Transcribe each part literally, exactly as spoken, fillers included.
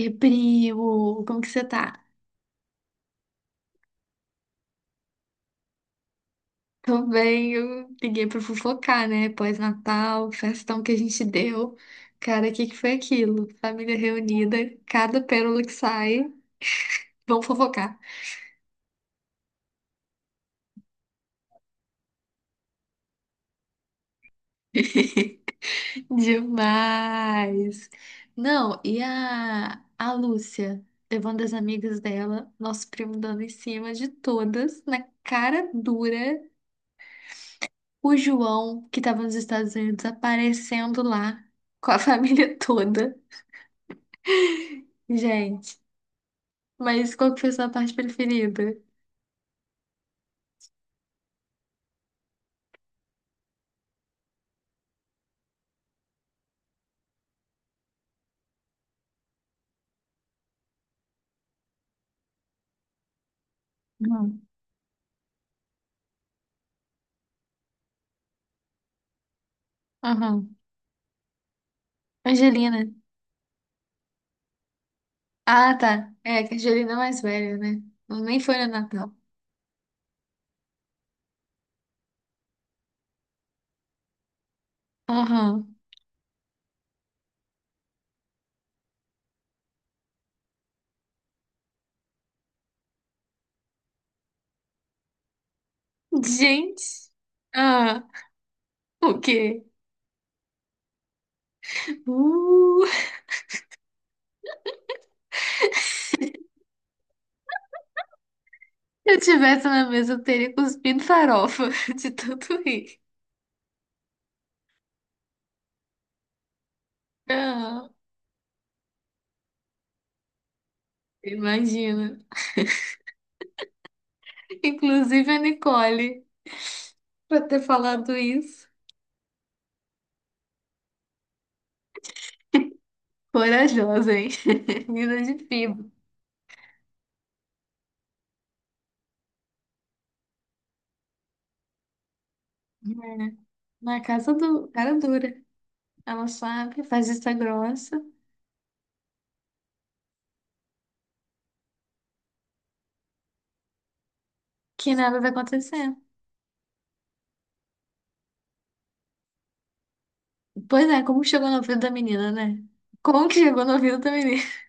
E primo, como que você tá? Tô bem, eu liguei pra fofocar, né? Pós-Natal, festão que a gente deu. Cara, o que que foi aquilo? Família reunida, cada pérola que sai, vamos fofocar. Demais! Não, e a, a Lúcia, levando as amigas dela, nosso primo dando em cima de todas, na cara dura. O João, que tava nos Estados Unidos, aparecendo lá com a família toda. Gente, mas qual que foi a sua parte preferida? Uhum. Uhum. Angelina. Ah, tá. É, que a Angelina é mais velha, né? Nem foi no Natal. Aham. Gente. Ah, o quê? Uh, se eu tivesse na mesa, eu teria cuspido farofa de tanto rir. Ah, imagina. Inclusive a Nicole, pra ter falado isso. Corajosa, hein? Menina de fibra. É. Na casa do cara dura. Ela sabe, faz vista grossa, que nada vai acontecer. Pois é, como chegou no ouvido da menina, né? Como que chegou no ouvido da menina?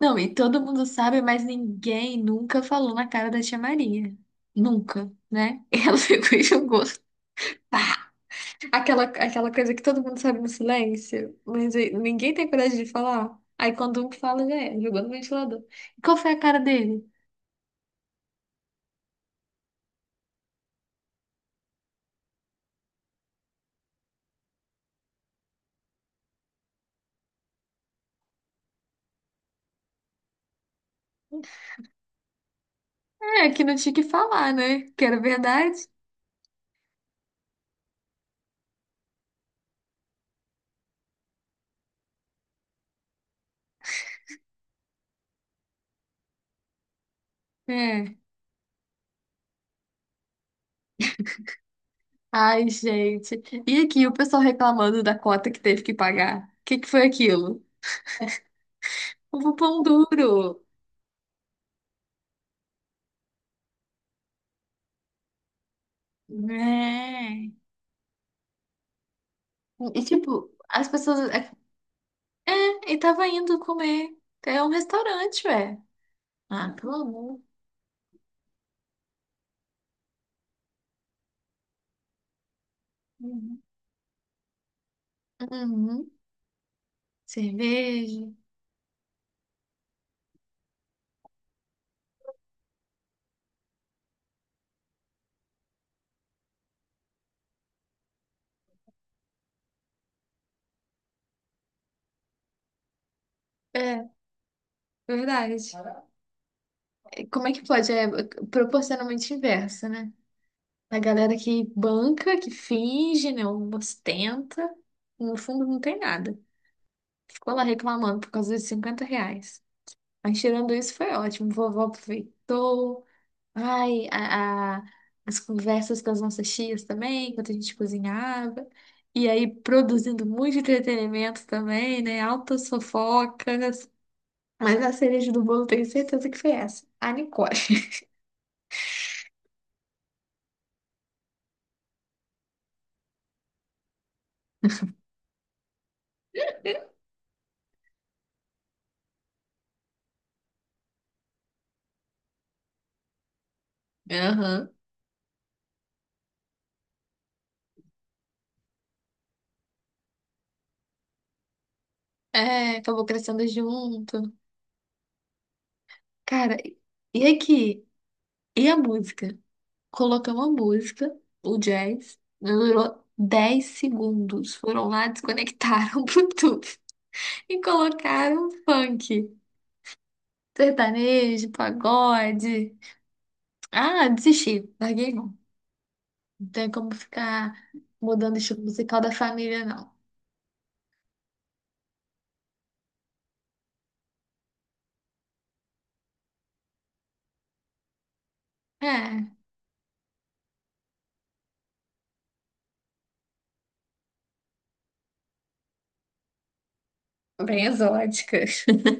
Não, e todo mundo sabe, mas ninguém nunca falou na cara da tia Maria. Nunca, né? E ela ficou e jogou. Aquela, aquela coisa que todo mundo sabe no silêncio, mas aí ninguém tem coragem de falar. Aí quando um fala, já é, jogou no ventilador. E qual foi a cara dele? É, que não tinha que falar, né? Que era verdade. É. Ai, gente. E aqui o pessoal reclamando da cota que teve que pagar. O que que foi aquilo? O pão duro. É. E tipo, as pessoas. É, é, e tava indo comer. É um restaurante, ué. Ah, pelo amor. Uhum. Uhum. Cerveja. É, verdade. E como é que pode? É proporcionalmente inversa, né? A galera que banca, que finge, né? Ostenta. No fundo não tem nada. Ficou lá reclamando por causa dos cinquenta reais. Mas tirando isso foi ótimo. Vovó aproveitou. Ai, a, a- as conversas com as nossas tias também, enquanto a gente cozinhava. E aí produzindo muito entretenimento também, né? Altas fofocas. Mas a cereja do bolo tenho certeza que foi essa. A Nicole. Aham. É, acabou crescendo junto. Cara, e aqui? E a música? Colocamos a música, o jazz, durou dez segundos. Foram lá, desconectaram o Bluetooth e colocaram funk, sertanejo, pagode. Ah, desisti, larguei mão. Não tem como ficar mudando o estilo musical da família, não. É, bem exótica.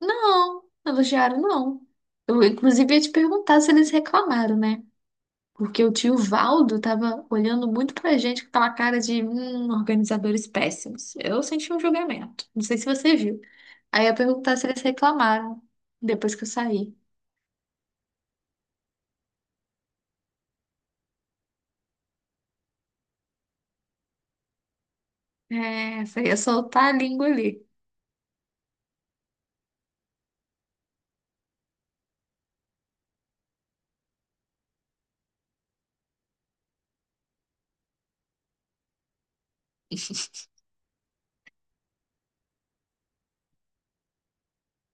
Não, elogiaram, não. Eu, inclusive, ia te perguntar se eles reclamaram, né? Porque o tio Valdo tava olhando muito pra gente com aquela cara de hum, organizadores péssimos. Eu senti um julgamento. Não sei se você viu. Aí eu perguntar se eles reclamaram depois que eu saí. É, você ia soltar a língua ali.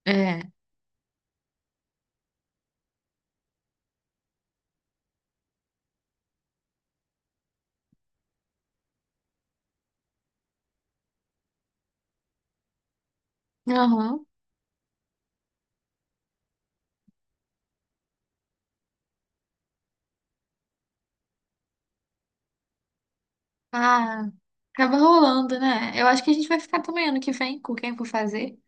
É. Aham. Ah, acaba rolando, né? Eu acho que a gente vai ficar também ano que vem com quem for fazer.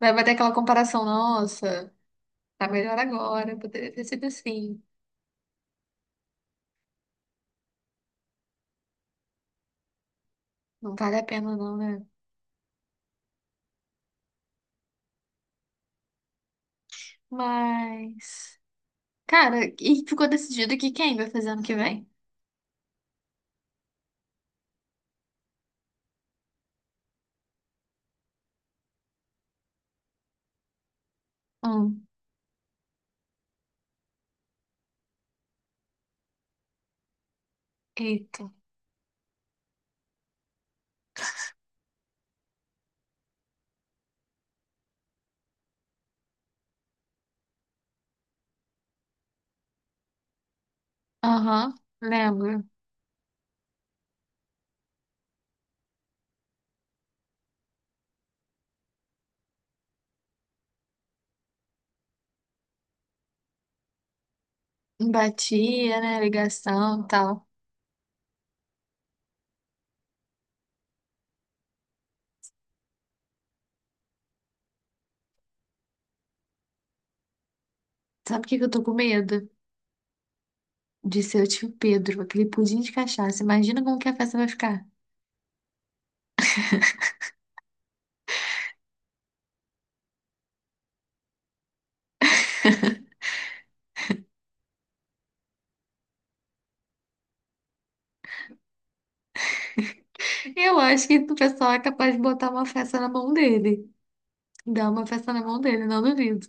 Vai bater aquela comparação, nossa, tá melhor agora, poderia ter sido assim. Não vale a pena não, né? Mas. Cara, e ficou decidido que quem vai fazer ano que vem? Um. Eita. Aham, lembro. Batia, né? Ligação e tal. Sabe o que que eu tô com medo? De seu tio Pedro, aquele pudim de cachaça. Imagina como que a festa vai ficar. Eu acho que o pessoal é capaz de botar uma festa na mão dele. Dar uma festa na mão dele, não duvido.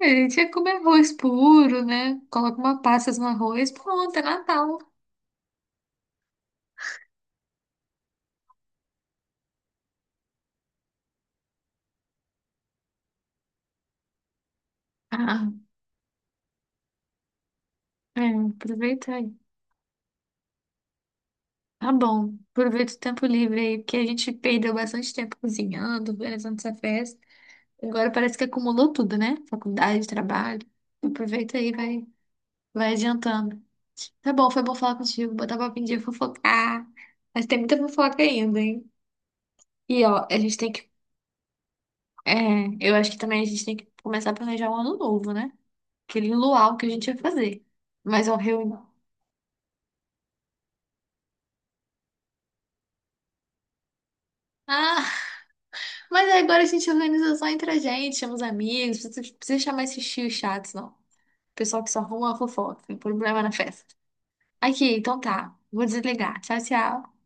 A gente ia comer arroz puro, né? Coloca uma pasta no arroz, pronto, é Natal. Ah, é, aproveita. Tá bom, aproveita o tempo livre aí, porque a gente perdeu bastante tempo cozinhando, organizando essa festa. Agora parece que acumulou tudo, né? Faculdade, trabalho. Aproveita aí, vai, vai adiantando. Tá bom, foi bom falar contigo, botar papo em dia, fofocar. Mas tem muita fofoca ainda, hein? E ó, a gente tem que. É, eu acho que também a gente tem que começar a planejar o ano novo, né? Aquele luau que a gente ia fazer. Mas ó, reunião. Ah, mas agora a gente organiza só entre a gente, chama os amigos, não precisa precisa chamar esses tios chatos, não. Pessoal que só arruma fofoca, tem problema na festa. Aqui, então tá. Vou desligar. Tchau, tchau.